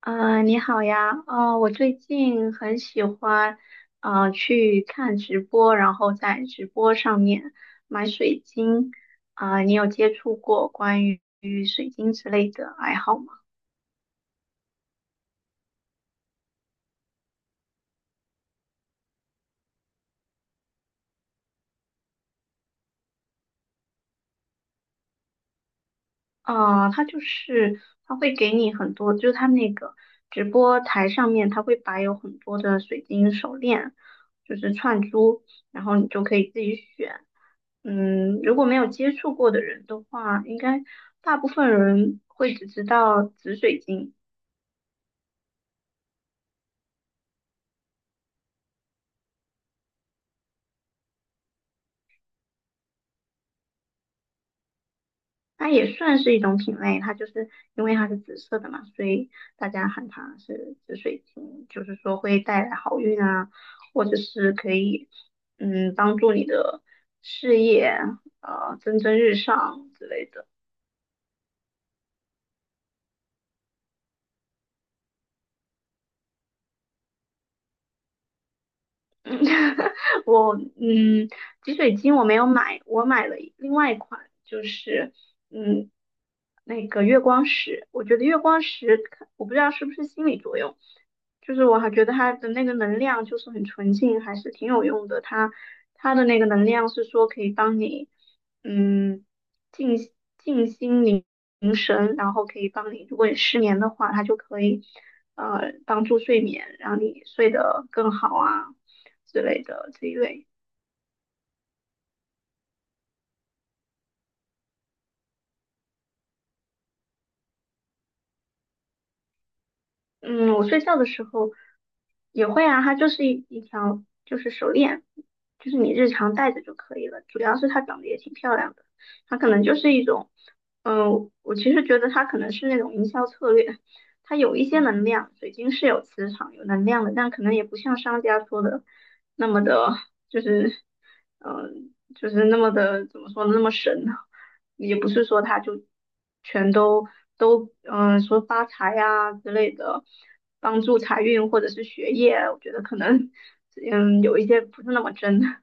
你好呀，我最近很喜欢，去看直播，然后在直播上面买水晶。啊，你有接触过关于水晶之类的爱好吗？啊，它就是它会给你很多，它那个直播台上面，它会摆有很多的水晶手链，就是串珠，然后你就可以自己选。嗯，如果没有接触过的人的话，应该大部分人会只知道紫水晶。它也算是一种品类，它就是因为它是紫色的嘛，所以大家喊它是紫水晶，就是说会带来好运啊，或者是可以帮助你的事业蒸蒸日上之类的。嗯，我嗯，挤水晶我没有买，我买了另外一款，就是嗯，那个月光石。我觉得月光石看我不知道是不是心理作用，就是我还觉得它的那个能量就是很纯净，还是挺有用的。它的那个能量是说可以帮你嗯静静心凝神，然后可以帮你，如果你失眠的话，它就可以帮助睡眠，让你睡得更好啊，之类的这一类。嗯，我睡觉的时候也会啊，它就是一条就是手链，就是你日常戴着就可以了。主要是它长得也挺漂亮的，它可能就是一种，我其实觉得它可能是那种营销策略。它有一些能量，水晶是有磁场、有能量的，但可能也不像商家说的那么的，就是，那么的怎么说呢，那么神呢。也不是说它就全都都，说发财呀、之类的，帮助财运或者是学业，我觉得可能，嗯，有一些不是那么真。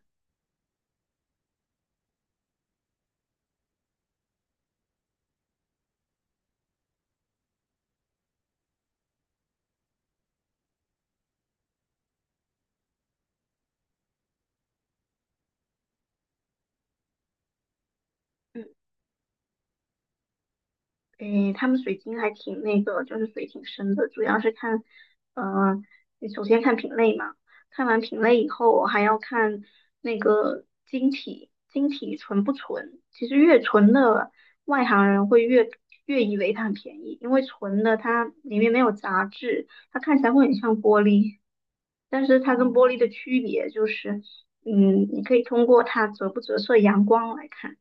诶，他们水晶还挺那个，就是水挺深的。主要是看，呃，你首先看品类嘛，看完品类以后，我还要看那个晶体，晶体纯不纯。其实越纯的，外行人会越以为它很便宜，因为纯的它里面没有杂质，它看起来会很像玻璃。但是它跟玻璃的区别就是，嗯，你可以通过它折不折射阳光来看。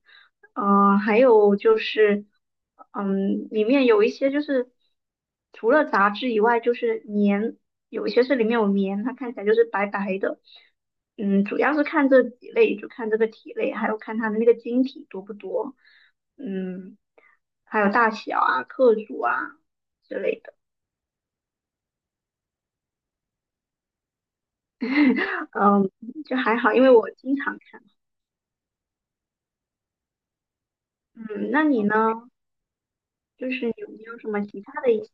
还有就是，嗯，里面有一些就是除了杂质以外，就是棉，有一些是里面有棉，它看起来就是白白的。嗯，主要是看这几类，就看这个体类，还有看它的那个晶体多不多，嗯，还有大小啊、克数啊之类的。嗯，就还好，因为我经常看。嗯，那你呢？就是有没有什么其他的一些？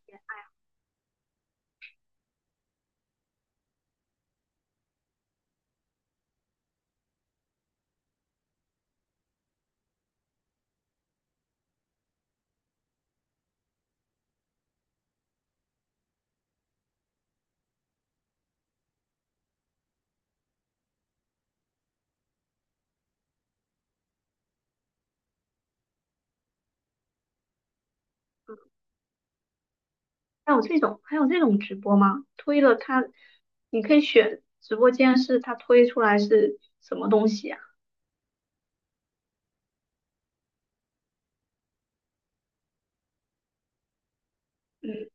还有这种直播吗？推了它，你可以选直播间是它推出来是什么东西呀、嗯。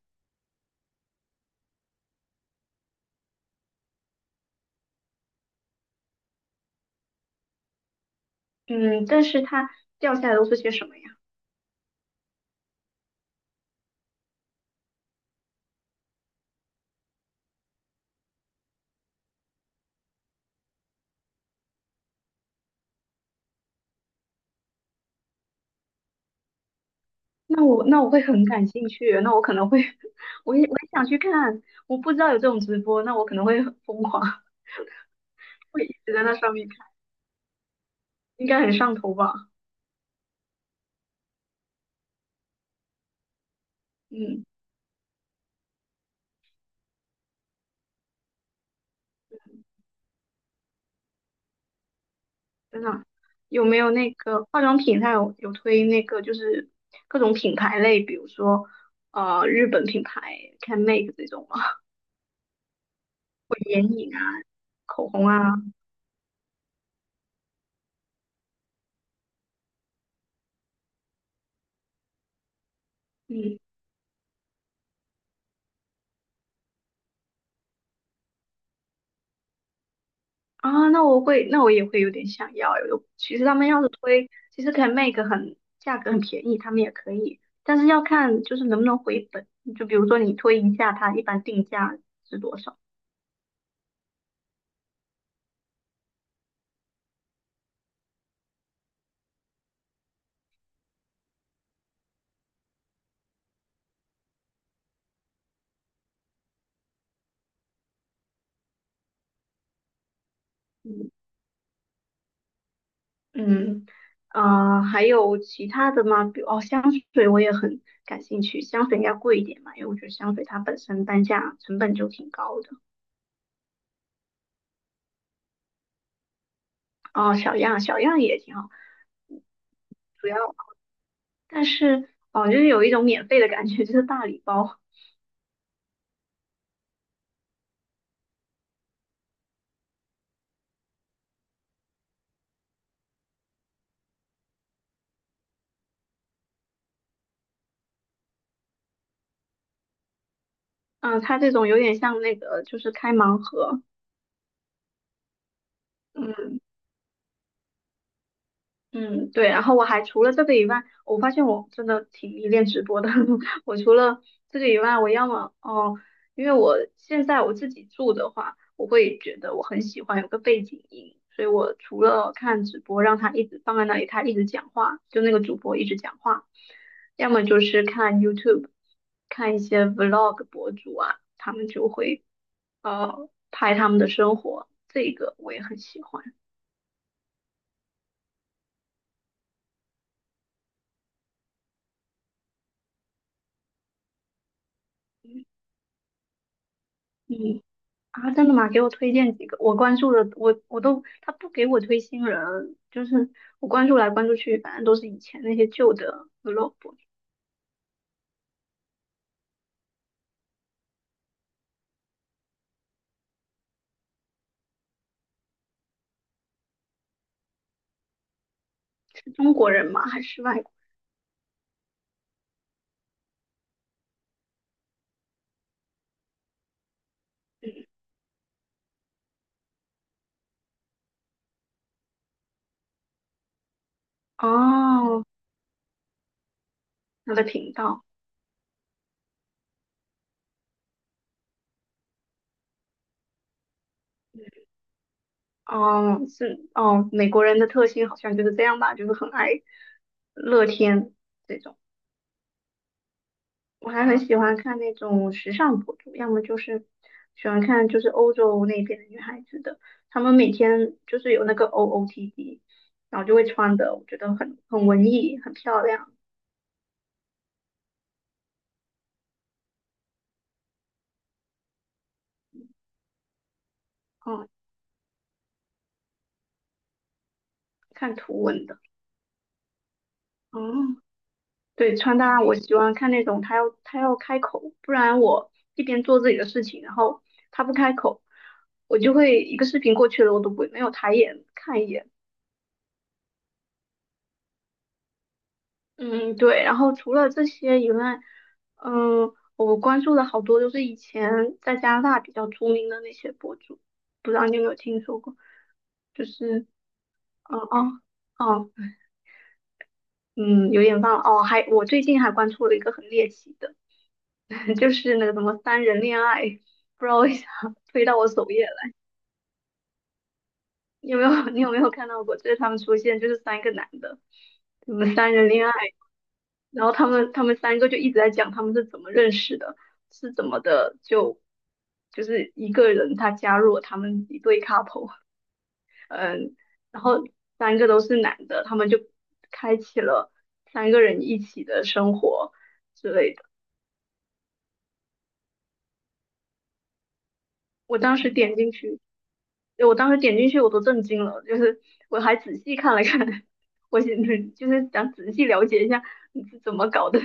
嗯，但是它掉下来都是些什么呀？那我会很感兴趣，那我可能会，我也想去看。我不知道有这种直播，那我可能会很疯狂，会一直在那上面看，应该很上头吧？嗯，真的。有没有那个化妆品？它有推那个就是各种品牌类，比如说日本品牌 CanMake 这种吗？口红啊，嗯。啊，那我会，那我也会有点想要诶。有其实他们要是推，其实可以卖个很价格很便宜，他们也可以，但是要看就是能不能回本。就比如说你推一下，它一般定价是多少？嗯。嗯，呃，还有其他的吗？比如哦，香水我也很感兴趣，香水应该贵一点嘛，因为我觉得香水它本身单价成本就挺高的。哦，小样，小样也挺好，主要但是哦，就是有一种免费的感觉，就是大礼包。嗯，他这种有点像那个，就是开盲盒。嗯，嗯，对，然后我还除了这个以外，我发现我真的挺迷恋直播的。我除了这个以外，我要么哦，因为我现在我自己住的话，我会觉得我很喜欢有个背景音，所以我除了看直播，让他一直放在那里，他一直讲话，就那个主播一直讲话，要么就是看 YouTube，看一些 Vlog 博主啊，他们就会拍他们的生活，这个我也很喜欢。嗯。嗯。啊，真的吗？给我推荐几个。我关注的，我都他不给我推新人，就是我关注来关注去，反正都是以前那些旧的 vlog。是中国人吗？还是外国？哦，他的频道，哦，是哦，美国人的特性好像就是这样吧，就是很爱乐天。这种。我还很喜欢看那种时尚博主，要么就是喜欢看就是欧洲那边的女孩子的，她们每天就是有那个 OOTD，然后就会穿的，我觉得很文艺，很漂亮。嗯，看图文的。嗯，对，穿搭我喜欢看那种她要开口，不然我一边做自己的事情，然后她不开口，我就会一个视频过去了，我都不会没有抬眼看一眼。嗯，对，然后除了这些以外，嗯，我关注的好多，都是以前在加拿大比较出名的那些博主，不知道你有没有听说过？就是，嗯哦哦，嗯，有点忘了哦。还我最近还关注了一个很猎奇的，就是那个什么三人恋爱，不知道为啥推到我首页来。你有没有看到过？就是他们出现，就是三个男的，什么三人恋爱。然后他们三个就一直在讲他们是怎么认识的，是怎么的就就是一个人他加入了他们一对 couple，嗯，然后三个都是男的，他们就开启了三个人一起的生活之类的。我当时点进去，对我当时点进去我都震惊了，就是我还仔细看了看，我想就是想仔细了解一下你是怎么搞的。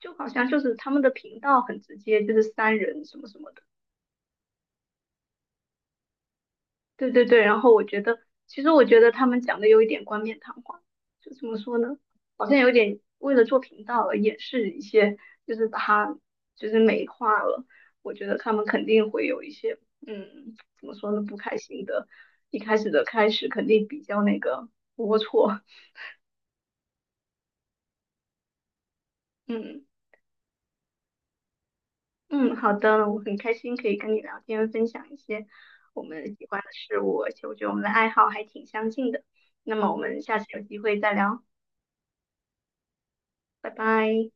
就好像就是他们的频道很直接，就是三人什么什么的。对对对，然后我觉得，其实我觉得他们讲的有一点冠冕堂皇，就怎么说呢，好像有点为了做频道而掩饰一些，就是把它就是美化了。我觉得他们肯定会有一些，嗯，怎么说呢，不开心的，一开始的开始肯定比较那个龌龊。嗯。嗯，好的，我很开心可以跟你聊天，分享一些我们喜欢的事物，而且我觉得我们的爱好还挺相近的。那么我们下次有机会再聊，拜拜。